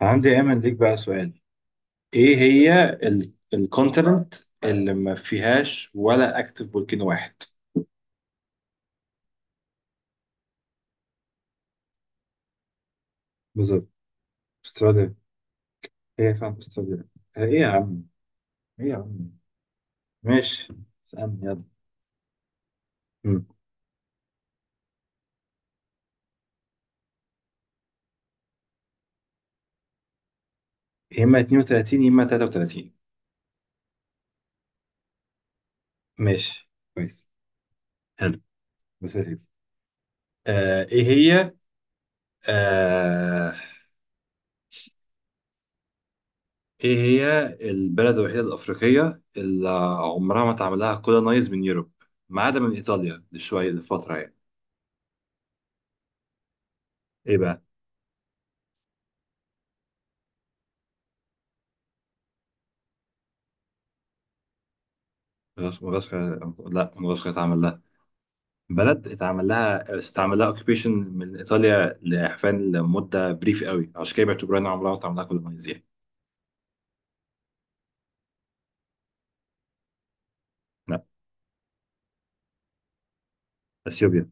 عندي يا ايمن ليك بقى سؤال. ايه هي الكونتيننت اللي ما فيهاش ولا اكتف فولكانو واحد؟ بالظبط، استراليا. هي فعلا استراليا. ايه يا عم، ايه يا عم. ماشي، اسألني يلا. مم. يا اما 32 يا اما 33. ماشي كويس. حلو، بس يا سيدي. ايه هي؟ آه ايه هي البلد الوحيدة الأفريقية اللي عمرها ما اتعمل لها كولونايز من يوروب، ما عدا من إيطاليا لشوية لفترة يعني. ايه، مدغشقر لا، مدغشقر اتعمل لها بلد، اتعمل لها استعمل لها اوكيبيشن من ايطاليا لحفان لمده بريف قوي، عشان كده بيعتبروها انها عمرها ما اتعمل لها كولونيز يعني. لا، اثيوبيا.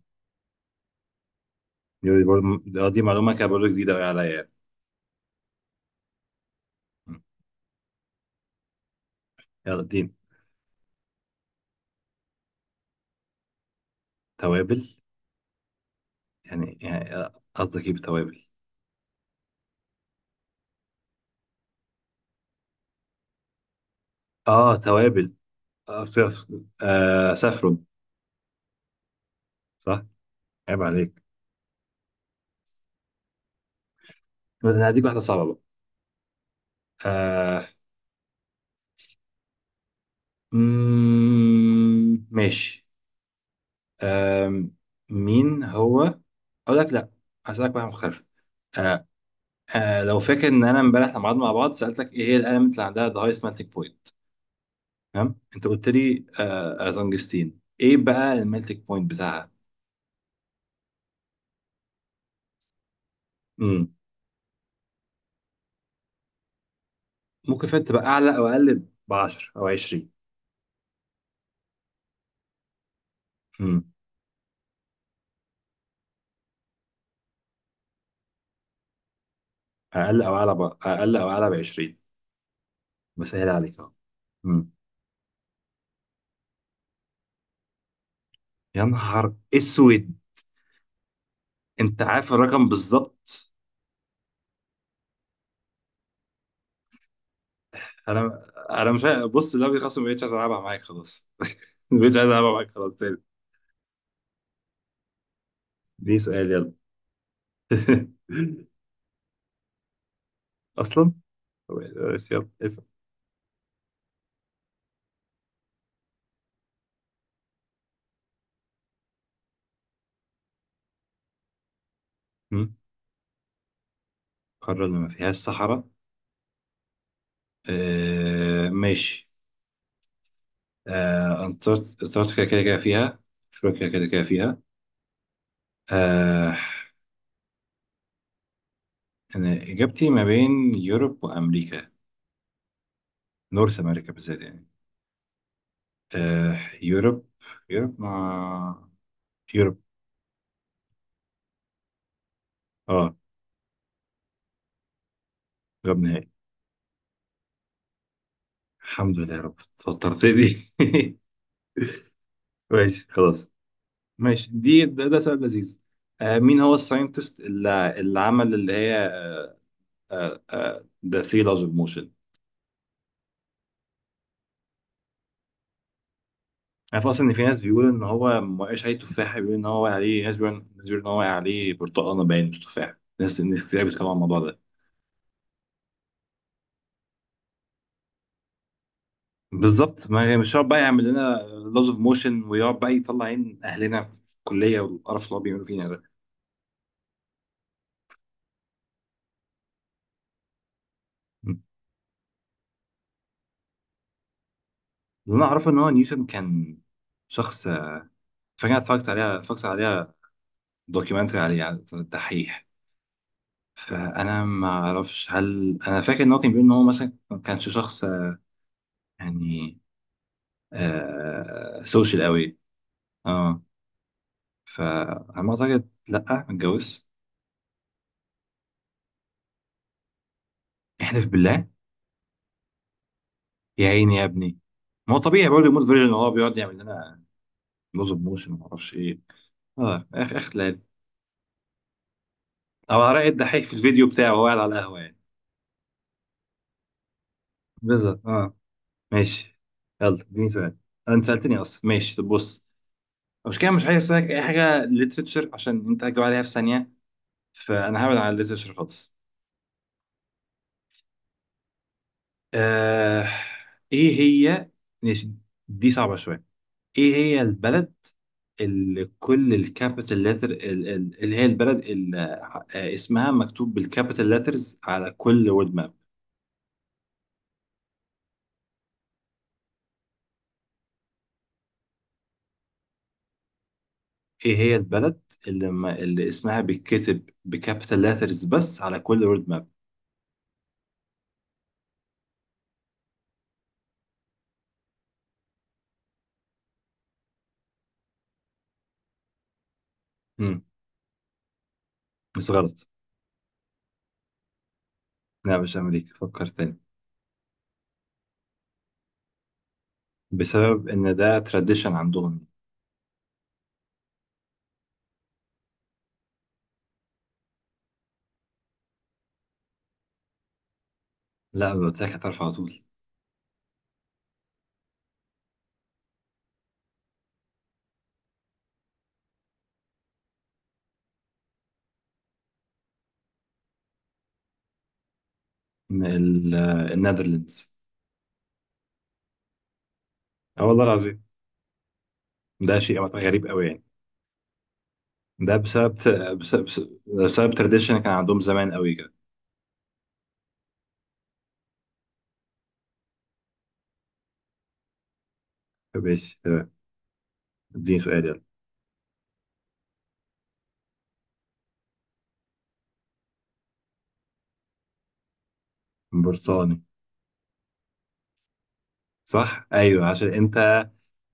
دي برضه، دي معلومه كده برضه جديده قوي عليا يعني. م. يلا اديني. توابل. يعني قصدك ايه بتوابل؟ اه، توابل. آه، ف- ف- سافرون. صح. عيب عليك. انا هديك واحده صعبه بقى. آه. ماشي. آم، مين هو؟ اقول لك لا، هسألك واحدة مختلفة. آه. لو فاكر ان انا امبارح لما قعدنا مع بعض سألتك ايه هي الاليمنت اللي عندها the highest melting point. تمام، انت قلت لي تنجستين. ايه بقى الميلتنج بوينت بتاعها؟ امم ممكن فات تبقى اعلى او اقل ب 10 او 20. امم اقل او اعلى ب 20. بسهل عليك اهو. امم يا نهار اسود، انت عارف الرقم بالظبط. انا انا مش عارف، بص اللعبه دي خلاص ما بقتش عايز العبها معاك خلاص. ما بقتش عايز العبها معاك خلاص تاني. دي سؤال، يلا. اصلا بس يلا اسال. مم. قارة اللي ما فيهاش صحراء. آه، ماشي. انتاركتيكا كده كده فيها. افريقيا كده كده فيها. آه. انا اجابتي ما بين يوروب وامريكا، نورث امريكا بالذات يعني. آه. يوروب، يوروب مع، يوروب. اه، جاب نهائي. الحمد لله يا رب، توترت دي. ماشي خلاص. ماشي، ده سؤال لذيذ. آه، مين هو الساينتست اللي عمل اللي هي ذا ثري لاز اوف موشن؟ عارف اصلا ان في ناس بيقولوا ان هو ما وقعش عليه تفاحه، بيقولوا ان هو وقع عليه، ناس بيقولوا ان هو وقع عليه برتقانه باين، مش تفاح. ناس كتير بيتكلموا عن الموضوع ده. بالظبط، ما مش هيقعد بقى يعمل لنا لاز اوف موشن ويقعد بقى يطلع عين اهلنا في الكليه والقرف اللي هو بيعملوا فينا ده. اللي انا اعرفه ان هو نيوتن كان شخص، فاكر، اتفرجت عليها دوكيومنتري عليه على الدحيح. فانا ما اعرفش، هل انا فاكر ان هو كان بيقول ان هو مثلا ما كانش شخص يعني، آه، سوشيال قوي. اه، فعلى ما اعتقد لا، ما اتجوزش. احلف بالله. يا عيني يا ابني. ما هو طبيعي برضه يموت فيرجن وهو بيقعد يعمل لنا لوز اوف موشن وما اعرفش ايه. اه اخ اخلال. او على رأي الدحيح في الفيديو بتاعه وهو قاعد على القهوه يعني. بالظبط اه. ماشي، يلا اديني سؤال. انت سالتني اصلا، ماشي طب بص، مش كده مش عايز اسالك اي حاجه ليترتشر عشان انت هتجاوب عليها في ثانيه. فانا هبعد عن الليترتشر خالص. آه... ايه هي؟ ماشي. دي صعبه شويه. ايه هي البلد اللي كل الكابيتال لتر اللي هي البلد اللي اسمها مكتوب بالكابيتال لترز على كل وود ماب؟ ايه هي البلد اللي, ما اللي اسمها بيتكتب بكابيتال لترز بس على كل وود ماب؟ امم بس غلط. لا، مش امريكا، فكر تاني. بسبب ان ده تراديشن عندهم. لا، لو قلت لك هتعرف على طول. إن ال- آه، النيدرلندز. اه والله العظيم، ده شيء غريب قوي يعني. ده بسبب، بسبب بسبب تراديشن كان عندهم زمان قوي كده. ماشي تمام. اديني سؤال يلا. برصاني. صح، ايوه، عشان انت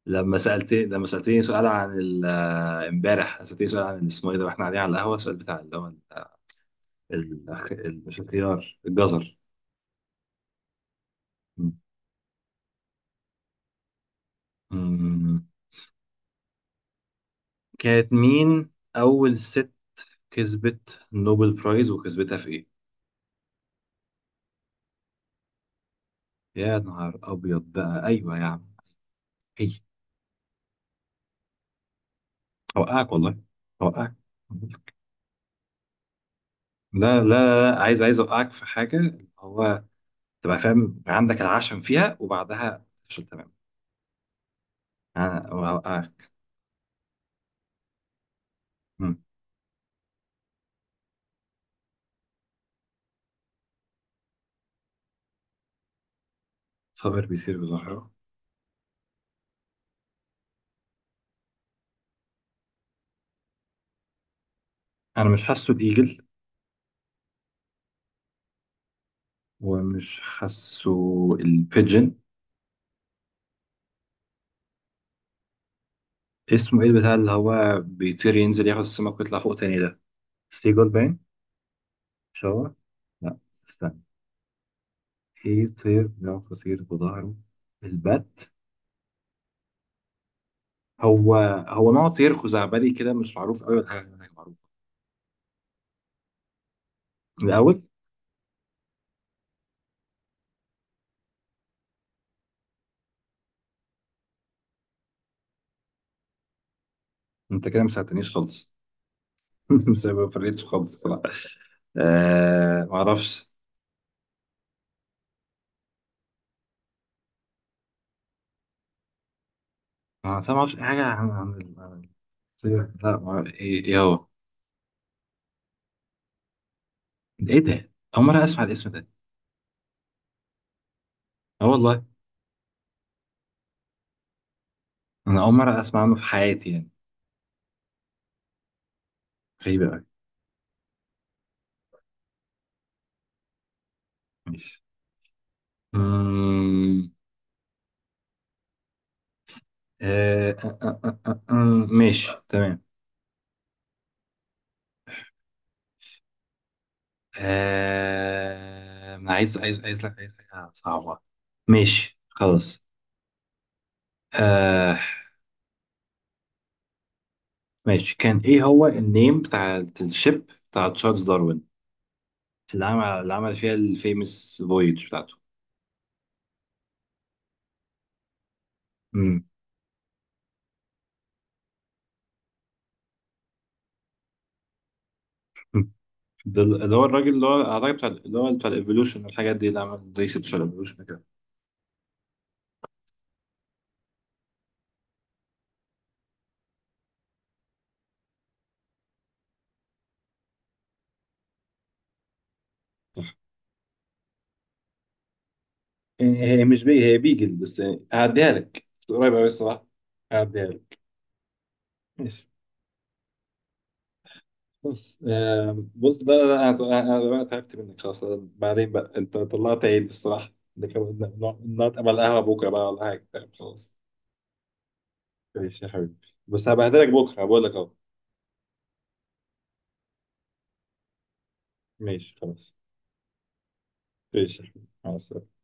لما سالت، لما سالتني سؤال عن ال- آه، امبارح سالتني سؤال عن اسمه ايه ده واحنا قاعدين على القهوه، السؤال بتاع اللي هو مش الخيار، الجزر. م- م- كانت مين اول ست كسبت نوبل برايز وكسبتها في ايه؟ يا نهار ابيض بقى، ايوه يا عم، هي. اوقعك والله، اوقعك. لا لا لا، عايز اوقعك في حاجه هو تبقى فاهم يبقى عندك العشم فيها وبعدها تفشل تماما. انا و- آه. مم. صابر بيصير بظهره. انا مش حاسه، بيجل؟ ومش حاسه. البيجن. اسمه ايه البتاع اللي هو بيطير ينزل ياخد السمك ويطلع فوق تاني ده؟ سيجول باين. مش هو. لا. استنى. ايه طير بيعرف يطير بظهره؟ البت. هو هو نوع طير خزعبلي كده مش معروف قوي ولا حاجه هناك معروفه. الاول. انت كده ما ساعدتنيش خالص. مش ما فريتش خالص الصراحه. آه، ما اعرفش. انا أصلاً ما اعرفش اي حاجه عن عن السيره، لا ما أعرف، إيه هو؟ ايه ده؟ اول مره اسمع الاسم ده. اه والله، انا اول مره اسمع عنه في حياتي يعني. غريبه قوي. ماشي. أمم، آه، آه، آه، آه، آه، آه، ماشي تمام. انا عايز عايز عايز لك عايز حاجه صعبه. ماشي خلاص. آه، ماشي، كان ايه هو النيم بتاع الشيب بتاع تشارلز داروين اللي عمل فيها الفيمس فويج بتاعته؟ مم. ده اللي هو الراجل اللي هو اعتقد بتاع اللي هو بتاع الايفولوشن والحاجات دي، اللي عمل ريسيرش على الايفولوشن كده. صح. هي هي مش بي هي بيجل بس. هعديها لك قريبة أوي الصراحة، هعديها لك. ماشي. بس بص، لا لا لا، أنا بقى تعبت منك خلاص، أنا، بعدين بقى أنت طلعت عيد الصراحة ده كمان. نقعد على القهوة بكرة بقى ولا حاجة، طيب، خلاص. ماشي يا حبيبي، بس هبهدلك بكرة بقول لك أهو. ماشي خلاص. ماشي يا حبيبي، مع السلامة.